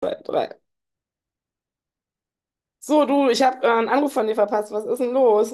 Zwei, drei. So, du, ich habe einen Anruf von dir verpasst. Was ist denn los?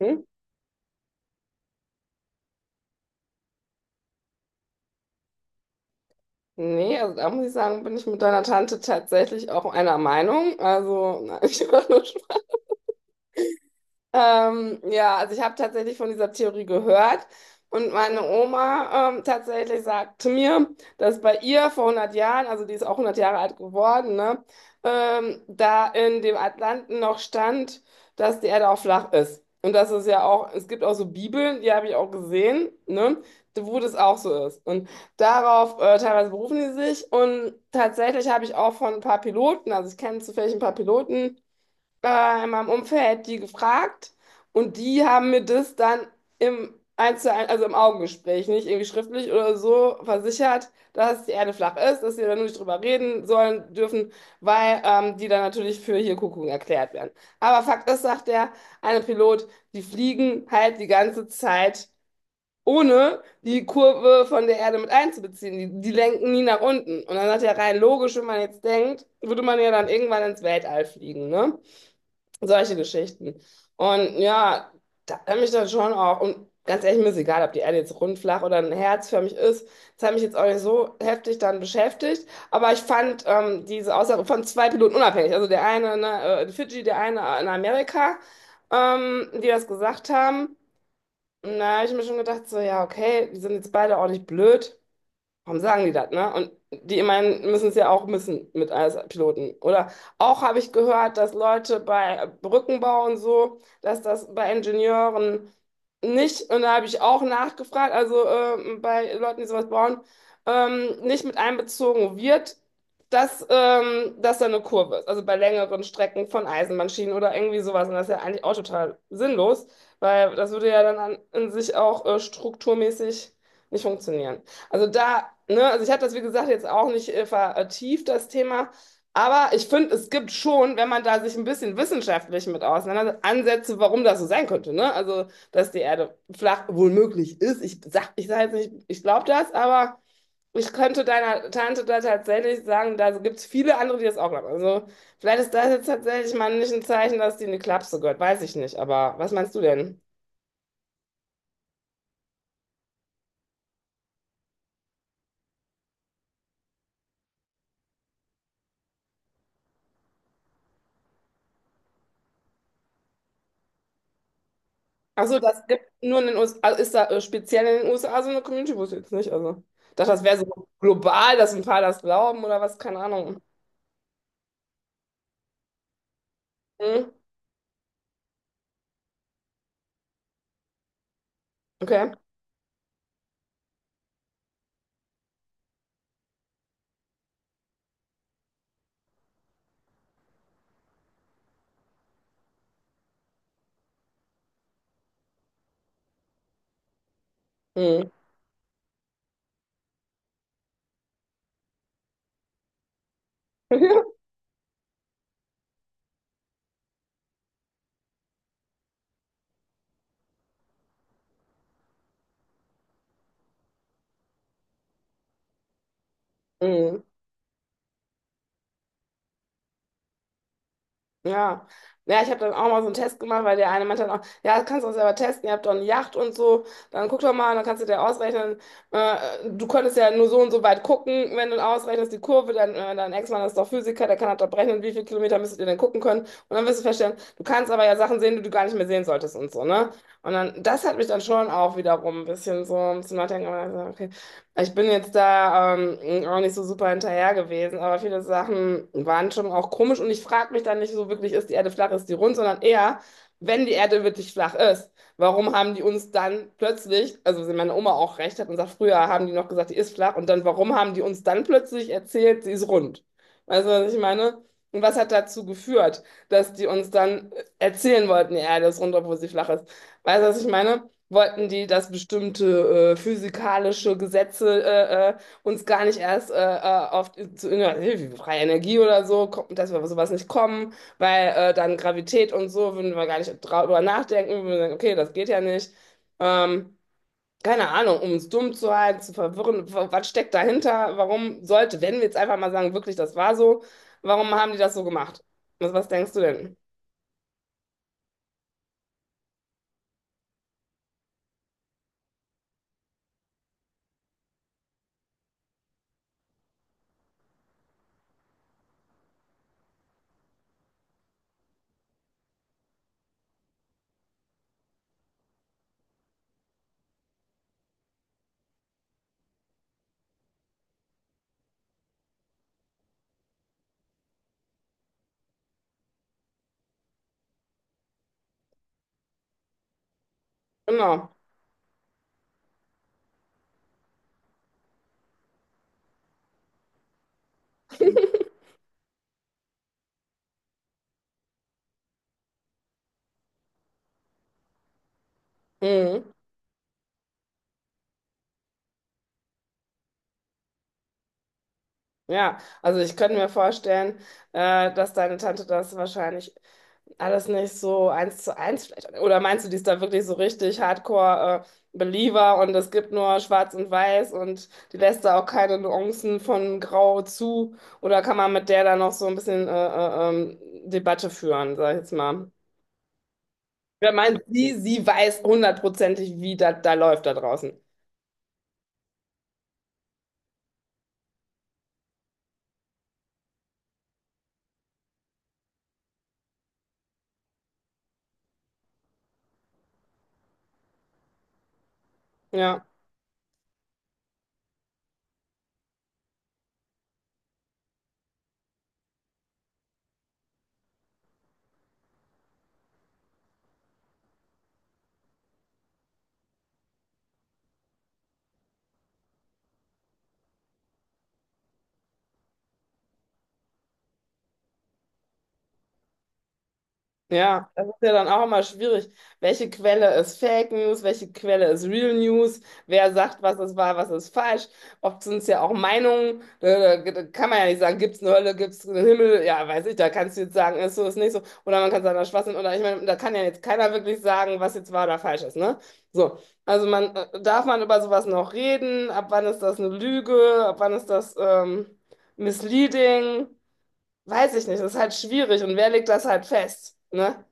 Hm? Nee, also da muss ich sagen, bin ich mit deiner Tante tatsächlich auch einer Meinung. Also, nein, ich war nur. Ja, also ich habe tatsächlich von dieser Theorie gehört, und meine Oma tatsächlich sagte mir, dass bei ihr vor 100 Jahren, also die ist auch 100 Jahre alt geworden, ne, da in dem Atlanten noch stand, dass die Erde auch flach ist. Und das ist ja auch, es gibt auch so Bibeln, die habe ich auch gesehen, ne, wo das auch so ist. Und darauf teilweise berufen die sich, und tatsächlich habe ich auch von ein paar Piloten, also ich kenne zufällig ein paar Piloten in meinem Umfeld die gefragt, und die haben mir das dann im eins zu eins, also im Augengespräch, nicht irgendwie schriftlich oder so, versichert, dass die Erde flach ist, dass wir da nur nicht drüber reden sollen dürfen, weil die dann natürlich für hier Kuckuck erklärt werden. Aber Fakt ist, sagt der eine Pilot, die fliegen halt die ganze Zeit, ohne die Kurve von der Erde mit einzubeziehen. Die lenken nie nach unten. Und dann sagt er rein logisch, wenn man jetzt denkt, würde man ja dann irgendwann ins Weltall fliegen, ne? Solche Geschichten. Und ja, da hat mich dann schon auch, und ganz ehrlich, mir ist egal, ob die Erde jetzt rund, flach oder ein Herz für mich ist, das hat mich jetzt auch nicht so heftig dann beschäftigt, aber ich fand diese Aussage von zwei Piloten unabhängig, also der eine ne, in Fidschi, der eine in Amerika, die das gesagt haben, und da habe ich mir schon gedacht, so ja, okay, die sind jetzt beide auch nicht blöd. Warum sagen die das, ne? Und die, ich meine, müssen es ja auch müssen mit als Piloten. Oder auch habe ich gehört, dass Leute bei Brückenbau und so, dass das bei Ingenieuren nicht, und da habe ich auch nachgefragt, also bei Leuten, die sowas bauen, nicht mit einbezogen wird, dass da eine Kurve ist. Also bei längeren Strecken von Eisenbahnschienen oder irgendwie sowas. Und das ist ja eigentlich auch total sinnlos, weil das würde ja dann an, in sich auch strukturmäßig nicht funktionieren. Also da, ne, also ich habe das, wie gesagt, jetzt auch nicht vertieft, das Thema. Aber ich finde, es gibt schon, wenn man da sich ein bisschen wissenschaftlich mit auseinandersetzt, Ansätze, warum das so sein könnte. Ne? Also, dass die Erde flach wohl möglich ist. Ich sage jetzt nicht, ich glaube das, aber ich könnte deiner Tante da tatsächlich sagen, da gibt es viele andere, die das auch glauben. Also, vielleicht ist das jetzt tatsächlich mal nicht ein Zeichen, dass die in die Klapse gehört. Weiß ich nicht. Aber was meinst du denn? Also das gibt nur in den USA, also ist da speziell in den USA so eine Community, wusste ich jetzt nicht. Also, ich dachte, das wäre so global, dass ein paar das glauben oder was, keine Ahnung. Hm? Okay. Hm. Hm. Ja, ja, ich habe dann auch mal so einen Test gemacht, weil der eine meinte dann auch, ja, das kannst du auch selber testen, ihr habt doch eine Yacht und so, dann guck doch mal, dann kannst du dir ausrechnen, äh, du konntest ja nur so und so weit gucken, wenn du ausrechnest die Kurve, dann dein Ex-Mann ist doch Physiker, der kann halt doch berechnen, wie viele Kilometer müsstet ihr denn gucken können, und dann wirst du feststellen, du kannst aber ja Sachen sehen, die du gar nicht mehr sehen solltest und so, ne? Und dann, das hat mich dann schon auch wiederum ein bisschen so zum Nachdenken gemacht, okay, ich bin jetzt da auch nicht so super hinterher gewesen, aber viele Sachen waren schon auch komisch, und ich frage mich dann nicht so wirklich, ist die Erde flach, ist die rund, sondern eher, wenn die Erde wirklich flach ist, warum haben die uns dann plötzlich, also wenn meine Oma auch recht hat und sagt, früher haben die noch gesagt, die ist flach, und dann warum haben die uns dann plötzlich erzählt, sie ist rund? Weißt du, was ich meine? Und was hat dazu geführt, dass die uns dann erzählen wollten, die Erde ist rund, obwohl sie flach ist? Weißt du, was ich meine? Wollten die, dass bestimmte physikalische Gesetze uns gar nicht erst wie freie Energie oder so, kommt, dass wir auf sowas nicht kommen, weil dann Gravität und so würden wir gar nicht drüber nachdenken, würden wir sagen, okay, das geht ja nicht. Ähm, keine Ahnung, um uns dumm zu halten, zu verwirren, was steckt dahinter? Warum sollte, wenn wir jetzt einfach mal sagen, wirklich, das war so, warum haben die das so gemacht? Was, was denkst du denn? Genau. Mhm. Ja, also ich könnte mir vorstellen, dass deine Tante das wahrscheinlich alles nicht so eins zu eins vielleicht. Oder meinst du, die ist da wirklich so richtig Hardcore, Believer, und es gibt nur Schwarz und Weiß und die lässt da auch keine Nuancen von Grau zu? Oder kann man mit der da noch so ein bisschen Debatte führen, sag ich jetzt mal? Wer meint sie, sie weiß hundertprozentig, wie das da läuft da draußen. Ja. Ja, das ist ja dann auch immer schwierig. Welche Quelle ist Fake News? Welche Quelle ist Real News? Wer sagt, was ist wahr, was ist falsch? Oft sind es ja auch Meinungen. Da kann man ja nicht sagen, gibt es eine Hölle, gibt es einen Himmel? Ja, weiß ich, da kannst du jetzt sagen, ist so, ist nicht so. Oder man kann sagen, das ist Schwachsinn. Oder ich meine, da kann ja jetzt keiner wirklich sagen, was jetzt wahr oder falsch ist, ne? So. Also man, darf man über sowas noch reden? Ab wann ist das eine Lüge? Ab wann ist das, misleading? Weiß ich nicht. Das ist halt schwierig. Und wer legt das halt fest? Ne?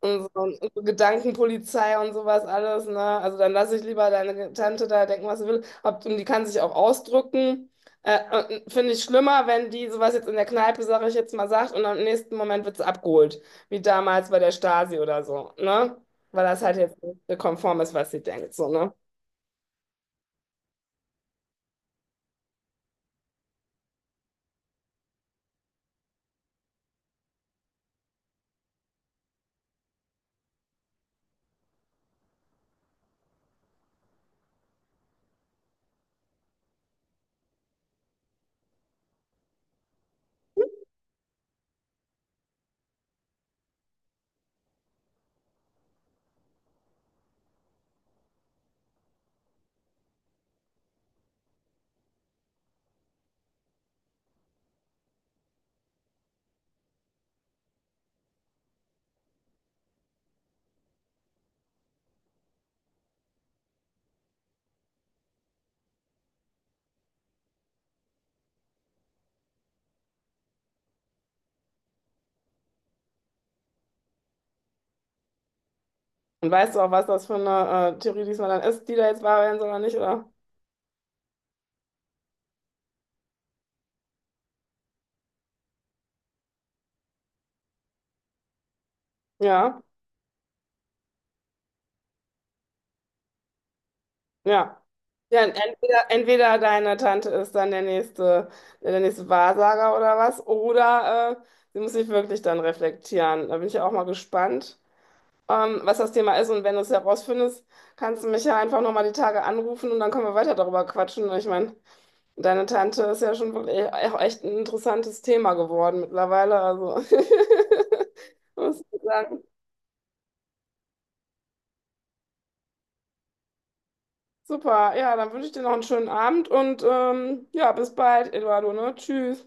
Und so Gedankenpolizei und sowas alles, ne? Also dann lass ich lieber deine Tante da denken, was sie will. Ob, und die kann sich auch ausdrücken. Und finde ich schlimmer, wenn die sowas jetzt in der Kneipe, sage ich jetzt mal, sagt, und am nächsten Moment wird sie abgeholt. Wie damals bei der Stasi oder so, ne? Weil das halt jetzt nicht so konform ist, was sie denkt, so, ne? Und weißt du auch, was das für eine Theorie diesmal dann ist, die da jetzt wahr werden soll oder nicht, oder? Ja. Ja. Ja, entweder, entweder deine Tante ist dann der nächste Wahrsager oder was, oder sie muss sich wirklich dann reflektieren. Da bin ich ja auch mal gespannt, was das Thema ist. Und wenn du es herausfindest, kannst du mich ja einfach nochmal die Tage anrufen und dann können wir weiter darüber quatschen. Ich meine, deine Tante ist ja schon wirklich auch echt ein interessantes Thema geworden mittlerweile. Also, muss ich sagen, super. Ja, dann wünsche ich dir noch einen schönen Abend und ja, bis bald, Eduardo, ne? Tschüss.